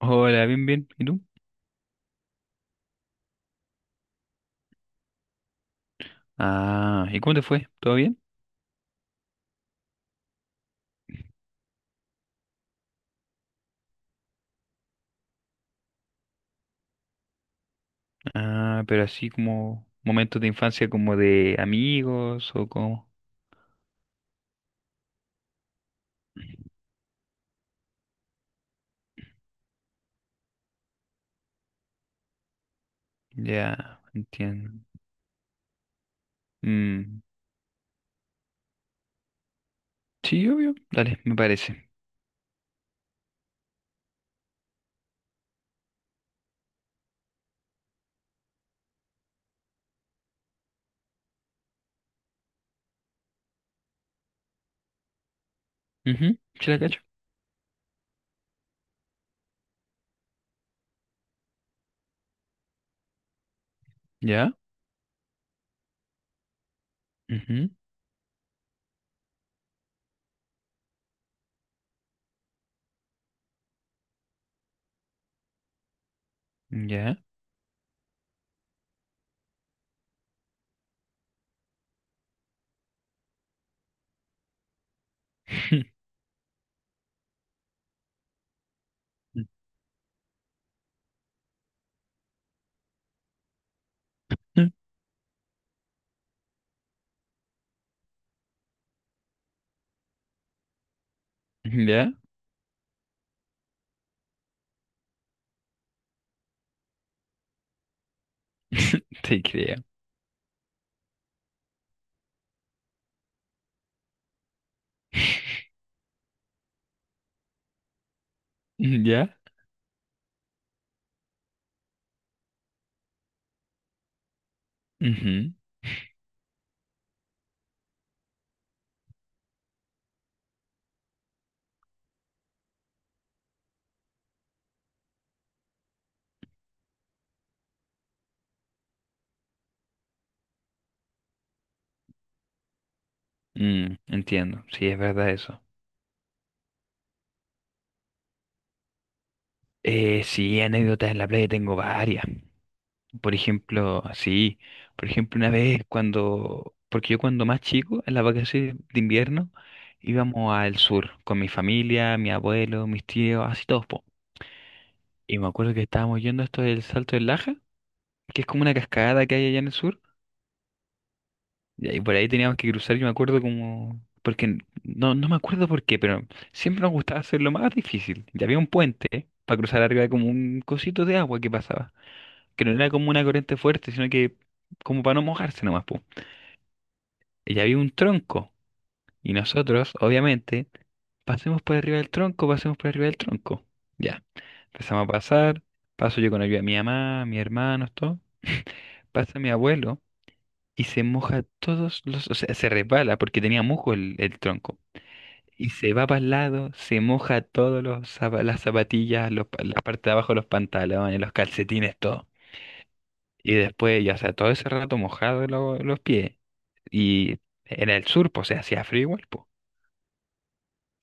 Hola, bien, bien. ¿Y tú? Ah, ¿y cómo te fue? ¿Todo bien? Ah, pero así como momentos de infancia como de amigos o como... Ya, entiendo. Mm, sí, obvio. Dale, me parece. Ujú, sí la cacho. Ya. Ujú. Ya. Ya. Te creo. ¿Ya? Ujú, mm, entiendo. Sí, es verdad eso. Sí, anécdotas en la playa tengo varias. Por ejemplo, sí, por ejemplo, una vez cuando, porque yo cuando más chico, en las vacaciones de invierno, íbamos al sur con mi familia, mi abuelo, mis tíos, así todos, po. Y me acuerdo que estábamos yendo a esto del Salto del Laja, que es como una cascada que hay allá en el sur, y ahí por ahí teníamos que cruzar, yo me acuerdo como, porque no me acuerdo por qué, pero siempre nos gustaba hacer lo más difícil. Ya había un puente, ¿eh?, para cruzar arriba de como un cosito de agua que pasaba, que no era como una corriente fuerte, sino que como para no mojarse nomás, po. Y había un tronco. Y nosotros, obviamente, pasemos por arriba del tronco, pasemos por arriba del tronco. Ya. Empezamos a pasar. Paso yo con ayuda de mi mamá, mis hermanos, todo. Pasa mi abuelo y se moja todos los. O sea, se resbala porque tenía musgo el tronco. Y se va para el lado, se moja todos los las zapatillas, los la parte de abajo de los pantalones, los calcetines, todo. Y después, ya, o sea, todo ese rato mojado los pies. Y era el sur, pues, o sea, hacía frío igual, pues.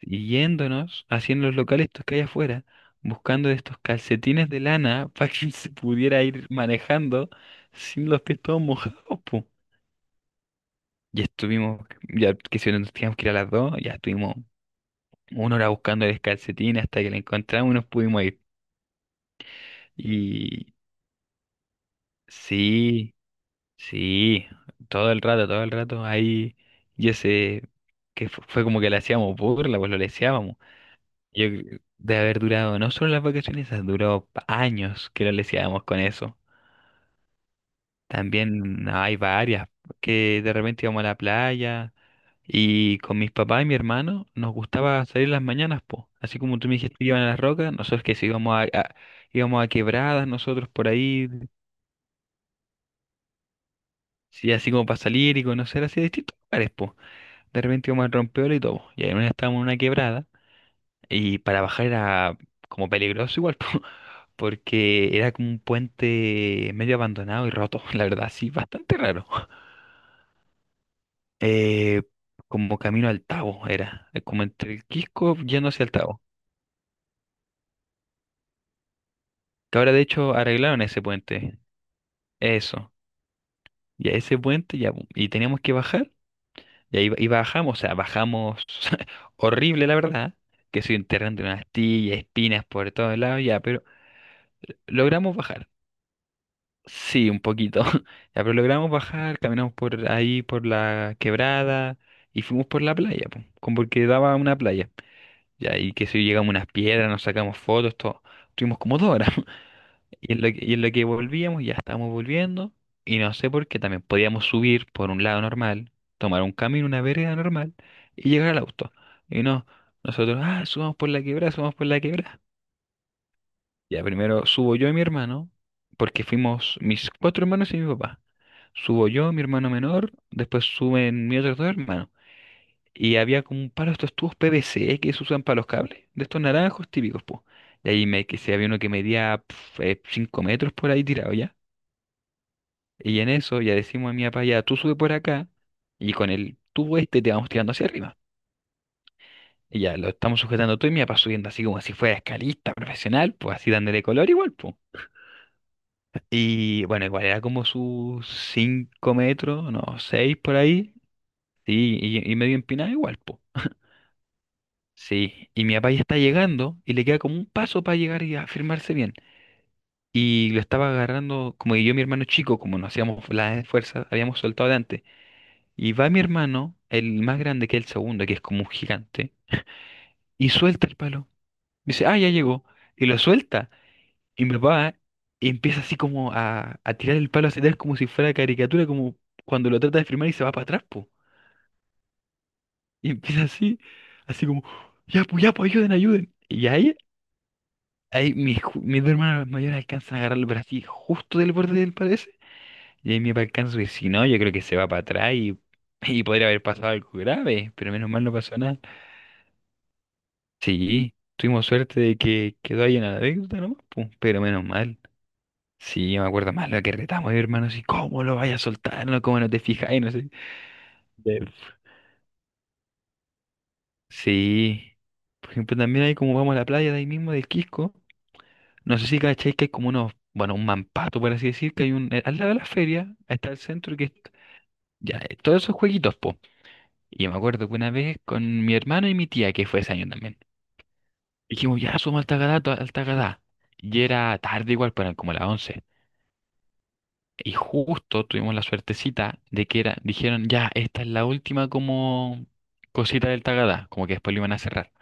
Y yéndonos, haciendo los locales estos que hay afuera, buscando estos calcetines de lana para que se pudiera ir manejando sin los pies todos mojados, po. Ya estuvimos, ya que si no, nos teníamos que ir a las 2, ya estuvimos una hora buscando el calcetín hasta que lo encontramos y nos pudimos ir. Y sí, sí, todo el rato ahí, y ese, que fue como que le hacíamos burla, pues lo Yo, de haber durado, no solo las vacaciones, esas duró años que lo leseábamos con eso. También no, hay varias, que de repente íbamos a la playa y con mis papás y mi hermano nos gustaba salir las mañanas, po. Así como tú me dijiste que iban a las rocas, nosotros que sí íbamos íbamos a quebradas, nosotros por ahí, sí, así como para salir y conocer así distintos lugares, po. De repente íbamos al rompeola y todo. Y ahí estábamos en una quebrada. Y para bajar era como peligroso igual, po, porque era como un puente medio abandonado y roto, la verdad, sí, bastante raro. Eh, como camino al Tabo era, como entre el Quisco yendo hacia el Tabo. Que ahora de hecho arreglaron ese puente. Eso. Y a ese puente ya, y teníamos que bajar. Y ahí y bajamos, o sea, bajamos horrible, la verdad, que se enterran de unas astillas, espinas por todos lados, ya, pero logramos bajar. Sí, un poquito. Ya, pero logramos bajar, caminamos por ahí, por la quebrada y fuimos por la playa, po, como porque daba una playa. Ya, y que si llegamos a unas piedras, nos sacamos fotos, todo. Estuvimos como 2 horas. Y en lo que volvíamos, ya estábamos volviendo. Y no sé por qué también podíamos subir por un lado normal, tomar un camino, una vereda normal y llegar al auto. Y no, nosotros, ah, subamos por la quebrada, subamos por la quebrada. Ya primero subo yo y mi hermano, porque fuimos mis cuatro hermanos y mi papá. Subo yo, mi hermano menor, después suben mis otros dos hermanos. Y había como un palo de estos tubos PVC que se usan para los cables, de estos naranjos típicos, pues. Y ahí me, que se había uno que medía 5 metros por ahí tirado ya. Y en eso ya decimos a mi papá, ya tú sube por acá y con el tubo este te vamos tirando hacia arriba. Y ya lo estamos sujetando todo y mi papá subiendo así como si fuera escalista profesional, pues así dándole color igual, Y bueno, igual era como sus 5 metros, no, 6 por ahí. Sí, y medio empinada igual, po. Sí, y mi papá ya está llegando y le queda como un paso para llegar y afirmarse bien. Y lo estaba agarrando, como que yo y mi hermano chico, como no hacíamos la fuerza, habíamos soltado de antes. Y va mi hermano, el más grande que es el segundo, que es como un gigante, y suelta el palo. Dice, ah, ya llegó. Y lo suelta. Y mi papá empieza así como a tirar el palo hacia atrás como si fuera caricatura, como cuando lo trata de firmar y se va para atrás, po. Y empieza así, así como, ya, pues, ayuden, ayuden. Y ahí, ahí mis, mis dos hermanas mayores alcanzan a agarrarlo, pero así, justo del borde del palo ese. Y ahí mi papá alcanza y dice, si no, yo creo que se va para atrás y podría haber pasado algo grave, pero menos mal no pasó nada. Sí, tuvimos suerte de que quedó ahí en la anécdota nomás, po, pero menos mal. Sí, yo me acuerdo más lo que retamos, mi hermano, así, ¿cómo lo vaya a soltar? No, ¿cómo no te fijas? No sé. De- Sí. Por ejemplo, también hay como vamos a la playa de ahí mismo, del Quisco. No sé si cacháis que hay como unos, bueno, un mampato, por así decir, que hay un, al lado de la feria, ahí está el centro, que es, ya, todos esos jueguitos, po. Y yo me acuerdo que una vez con mi hermano y mi tía, que fue ese año también, dijimos, ya, somos Altagadá, Altagadá. Y era tarde igual, pero eran como las 11. Y justo tuvimos la suertecita de que era, dijeron, ya, esta es la última como cosita del Tagadá, como que después lo iban a cerrar.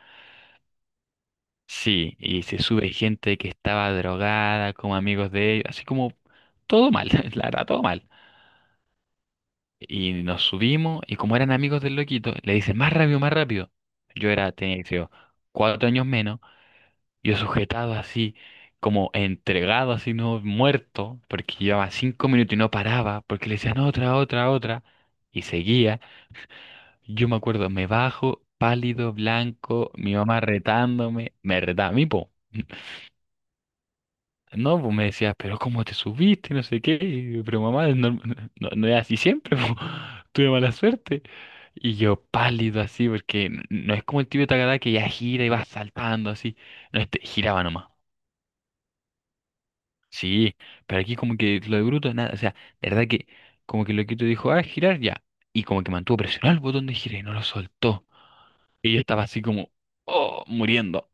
Sí, y se sube gente que estaba drogada, como amigos de ellos, así como todo mal, la verdad, todo mal. Y nos subimos, y como eran amigos del loquito, le dicen, más rápido, más rápido. Yo era, tenía, que sé yo, 4 años menos. Yo sujetado así, como entregado así, no muerto, porque llevaba 5 minutos y no paraba, porque le decían otra, otra, otra, y seguía. Yo me acuerdo, me bajo, pálido, blanco, mi mamá retándome, me retaba a mí, po. No, pues me decía, pero ¿cómo te subiste? No sé qué, y yo, pero mamá, no, no, no es así siempre, po. Tuve mala suerte. Y yo pálido así, porque no es como el tibio Takada que ya gira y va saltando así. No, este giraba nomás. Sí, pero aquí como que lo de Bruto, nada, o sea, de verdad que como que Loquito dijo, ah, girar ya, y como que mantuvo presionado el botón de girar y no lo soltó, y yo estaba así como, oh, muriendo,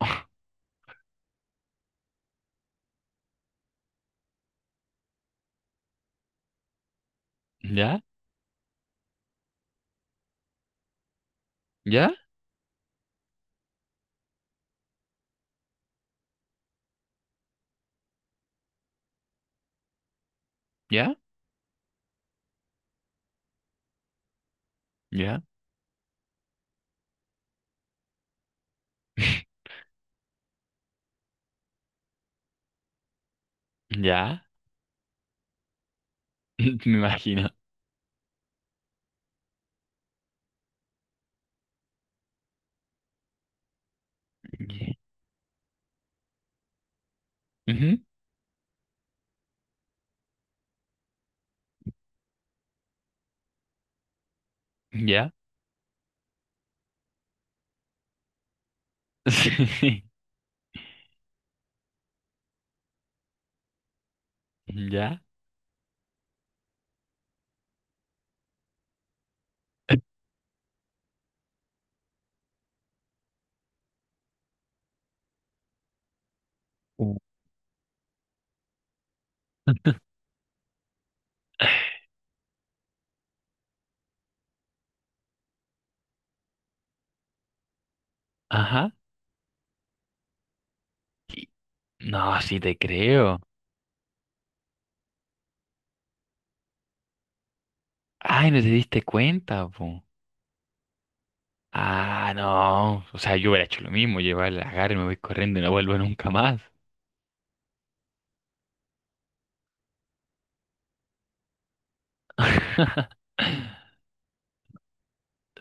¿ya? ¿Ya? ¿Ya? ¿Ya? ¿Ya? Me imagino. Ujú. ¿Ya? Sí, ¿ya? Ajá. Y- No, sí te creo. Ay, no te diste cuenta, po. Ah, no. O sea, yo hubiera hecho lo mismo, llevar la agarre, me voy corriendo y no vuelvo nunca más.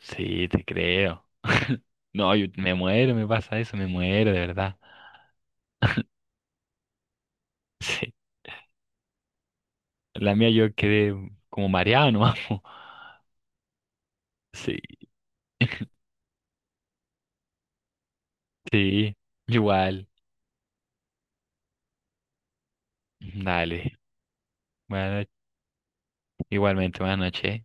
Sí, te creo. No, yo me muero, me pasa eso, me muero, de verdad. Sí. La mía yo quedé como mareado, ¿no? Sí, sí. Igual. Dale. Buenas noches. Igualmente, buenas noches.